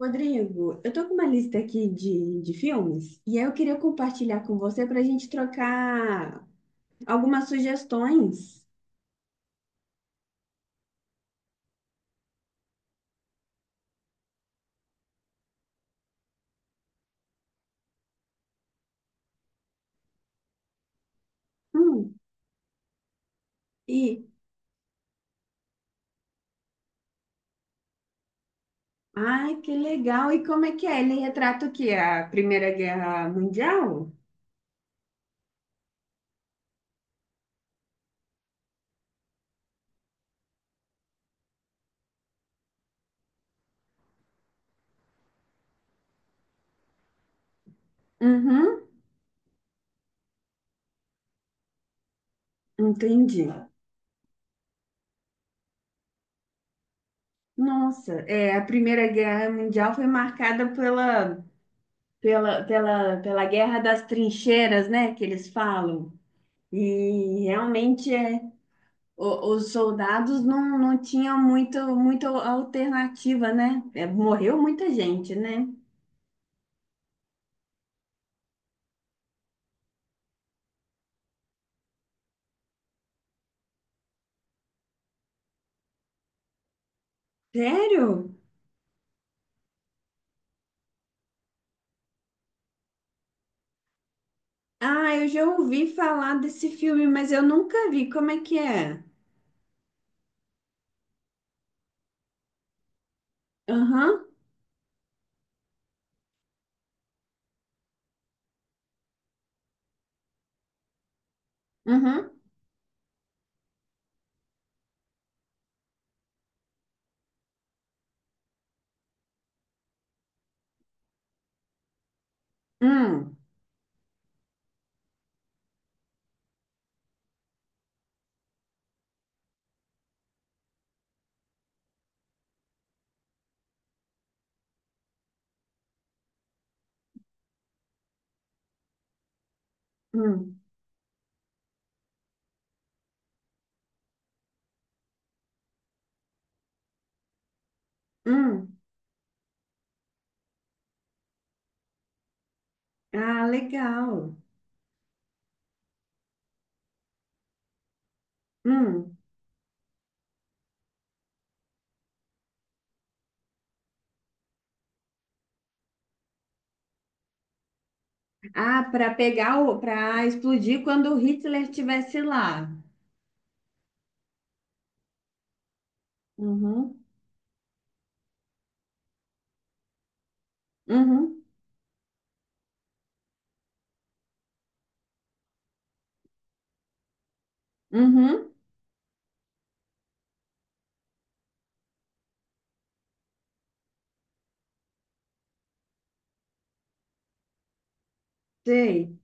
Rodrigo, eu tô com uma lista aqui de filmes e aí eu queria compartilhar com você para a gente trocar algumas sugestões. Hum, e, ai, que legal! E como é que é? Ele retrata o quê? A Primeira Guerra Mundial? Uhum, entendi. Nossa, é, a Primeira Guerra Mundial foi marcada pela Guerra das Trincheiras, né, que eles falam. E realmente é os soldados não tinham muita alternativa, né? É, morreu muita gente, né? Sério? Ah, eu já ouvi falar desse filme, mas eu nunca vi. Como é que é? Aham, uhum, hum, hum, hum. Ah, legal. Hum. Ah, para pegar para explodir quando o Hitler estivesse lá. Uhum, uhum, uhum. Sei.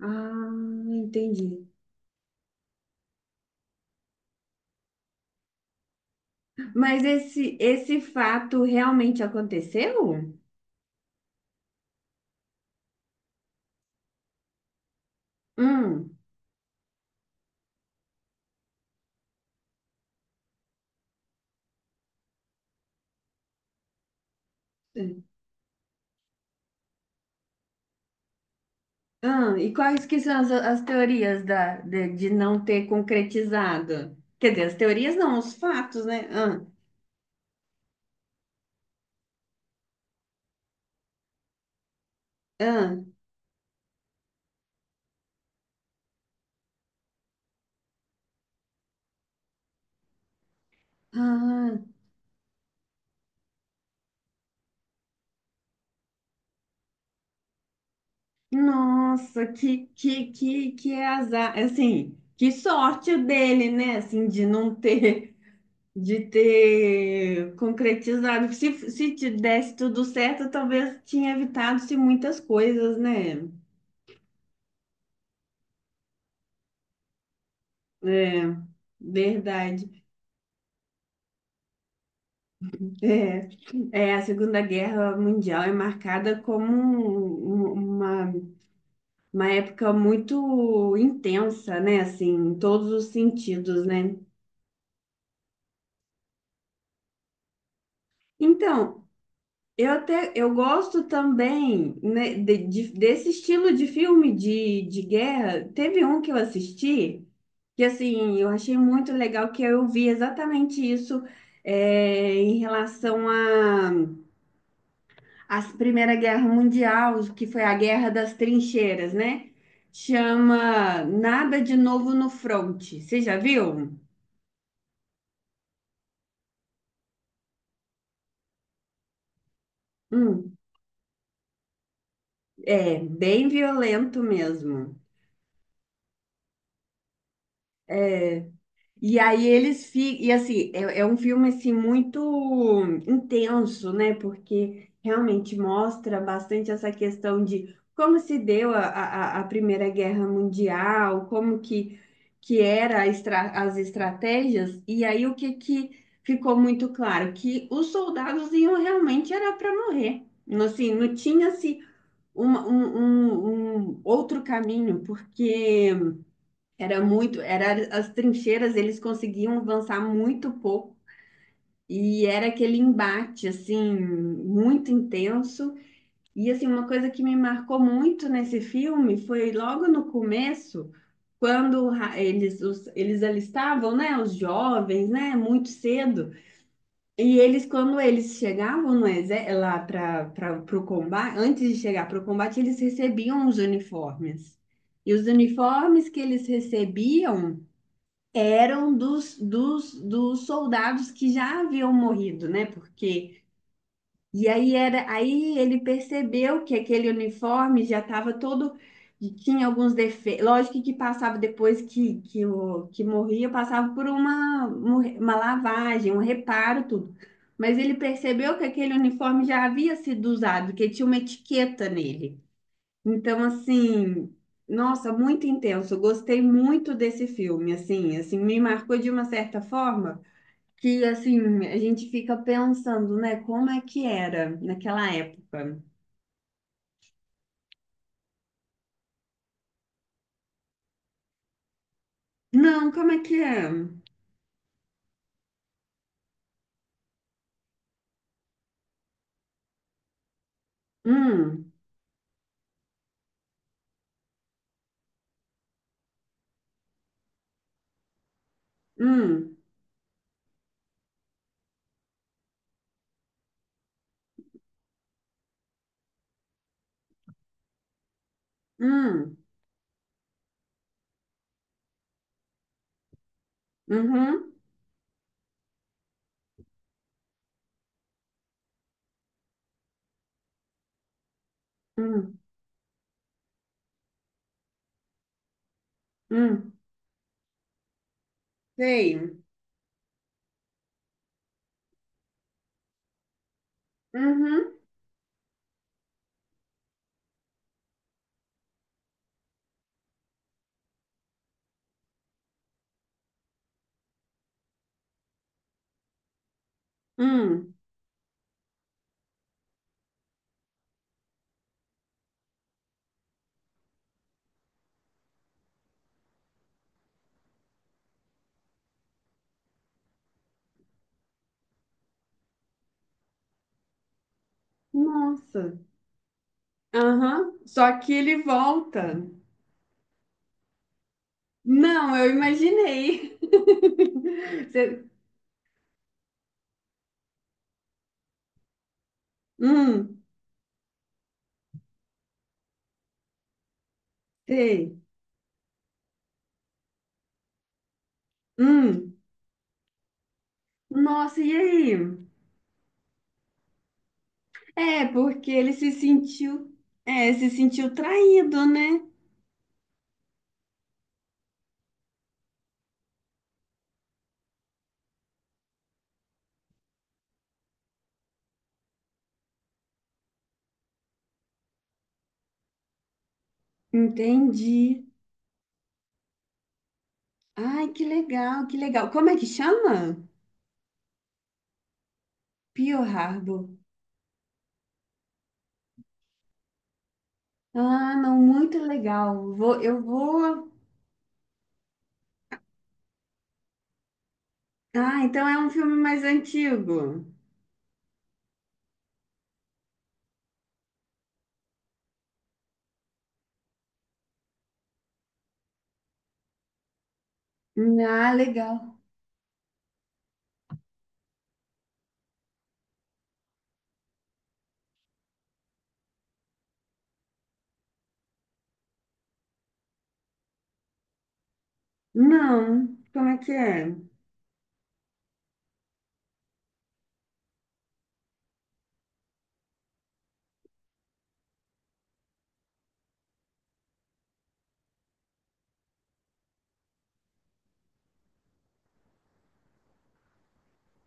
Ah, entendi. Mas esse fato realmente aconteceu? Hum. E quais que são as teorias de não ter concretizado? Quer dizer, as teorias não, os fatos, né? Hum. Ah, nossa, que azar, assim, que sorte dele, né? Assim, de não ter, de ter concretizado. Se te desse tudo certo, talvez tinha evitado-se muitas coisas, né? É, verdade. É, é, a Segunda Guerra Mundial é marcada como uma época muito intensa, né? Assim, em todos os sentidos, né? Então, eu até eu gosto também, né, desse estilo de filme de guerra. Teve um que eu assisti que assim eu achei muito legal, que eu vi exatamente isso é, em relação a Primeira Guerra Mundial, que foi a Guerra das Trincheiras, né? Chama Nada de Novo no Fronte. Você já viu? Hum, é bem violento mesmo. É, e aí eles ficam, e assim, é, é um filme assim muito intenso, né? Porque realmente mostra bastante essa questão de como se deu a Primeira Guerra Mundial, como que era a as estratégias, e aí o que, que ficou muito claro? Que os soldados iam realmente era para morrer. Assim, não tinha-se uma- um, um outro caminho, porque era muito, era as trincheiras, eles conseguiam avançar muito pouco. E era aquele embate, assim, muito intenso. E, assim, uma coisa que me marcou muito nesse filme foi logo no começo, quando eles, os, eles alistavam, né, os jovens, né, muito cedo. E eles, quando eles chegavam no lá para o combate, antes de chegar para o combate, eles recebiam os uniformes. E os uniformes que eles recebiam eram dos soldados que já haviam morrido, né? Porque e aí era aí ele percebeu que aquele uniforme já estava todo e tinha alguns defeitos. Lógico que passava depois que, o, que morria, passava por uma lavagem, um reparo, tudo. Mas ele percebeu que aquele uniforme já havia sido usado, que tinha uma etiqueta nele. Então, assim, nossa, muito intenso. Eu gostei muito desse filme, assim, assim, me marcou de uma certa forma que, assim, a gente fica pensando, né, como é que era naquela época. Não, como é que é? Hum, hum, hum, uhum, hum, hum, sei, uhum, hum, nossa, aham, só que ele volta. Não, eu imaginei. Você- Hum, sei. Hum, nossa, e aí? É, porque ele se sentiu, é, se sentiu traído, né? Entendi. Ai, que legal, que legal. Como é que chama? Pearl Harbor. Ah, não, muito legal. Vou, eu vou. Ah, então é um filme mais antigo. Ah, legal. Não, como é que é?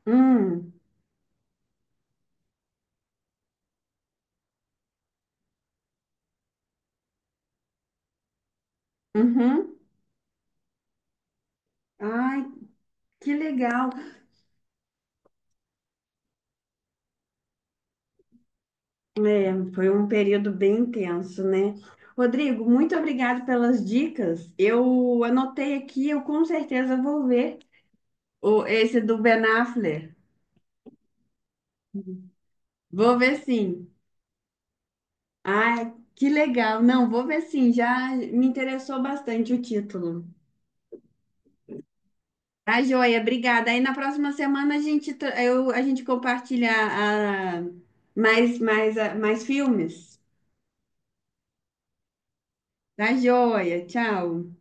Hum, uhum. Ai, que legal. Foi um período bem intenso, né? Rodrigo, muito obrigado pelas dicas. Eu anotei aqui, eu com certeza vou ver o, esse do Ben Affleck. Vou ver sim. Ai, que legal. Não, vou ver sim. Já me interessou bastante o título. Tá, joia, obrigada. Aí na próxima semana a gente, a gente compartilha mais filmes. Tá, joia. Tchau.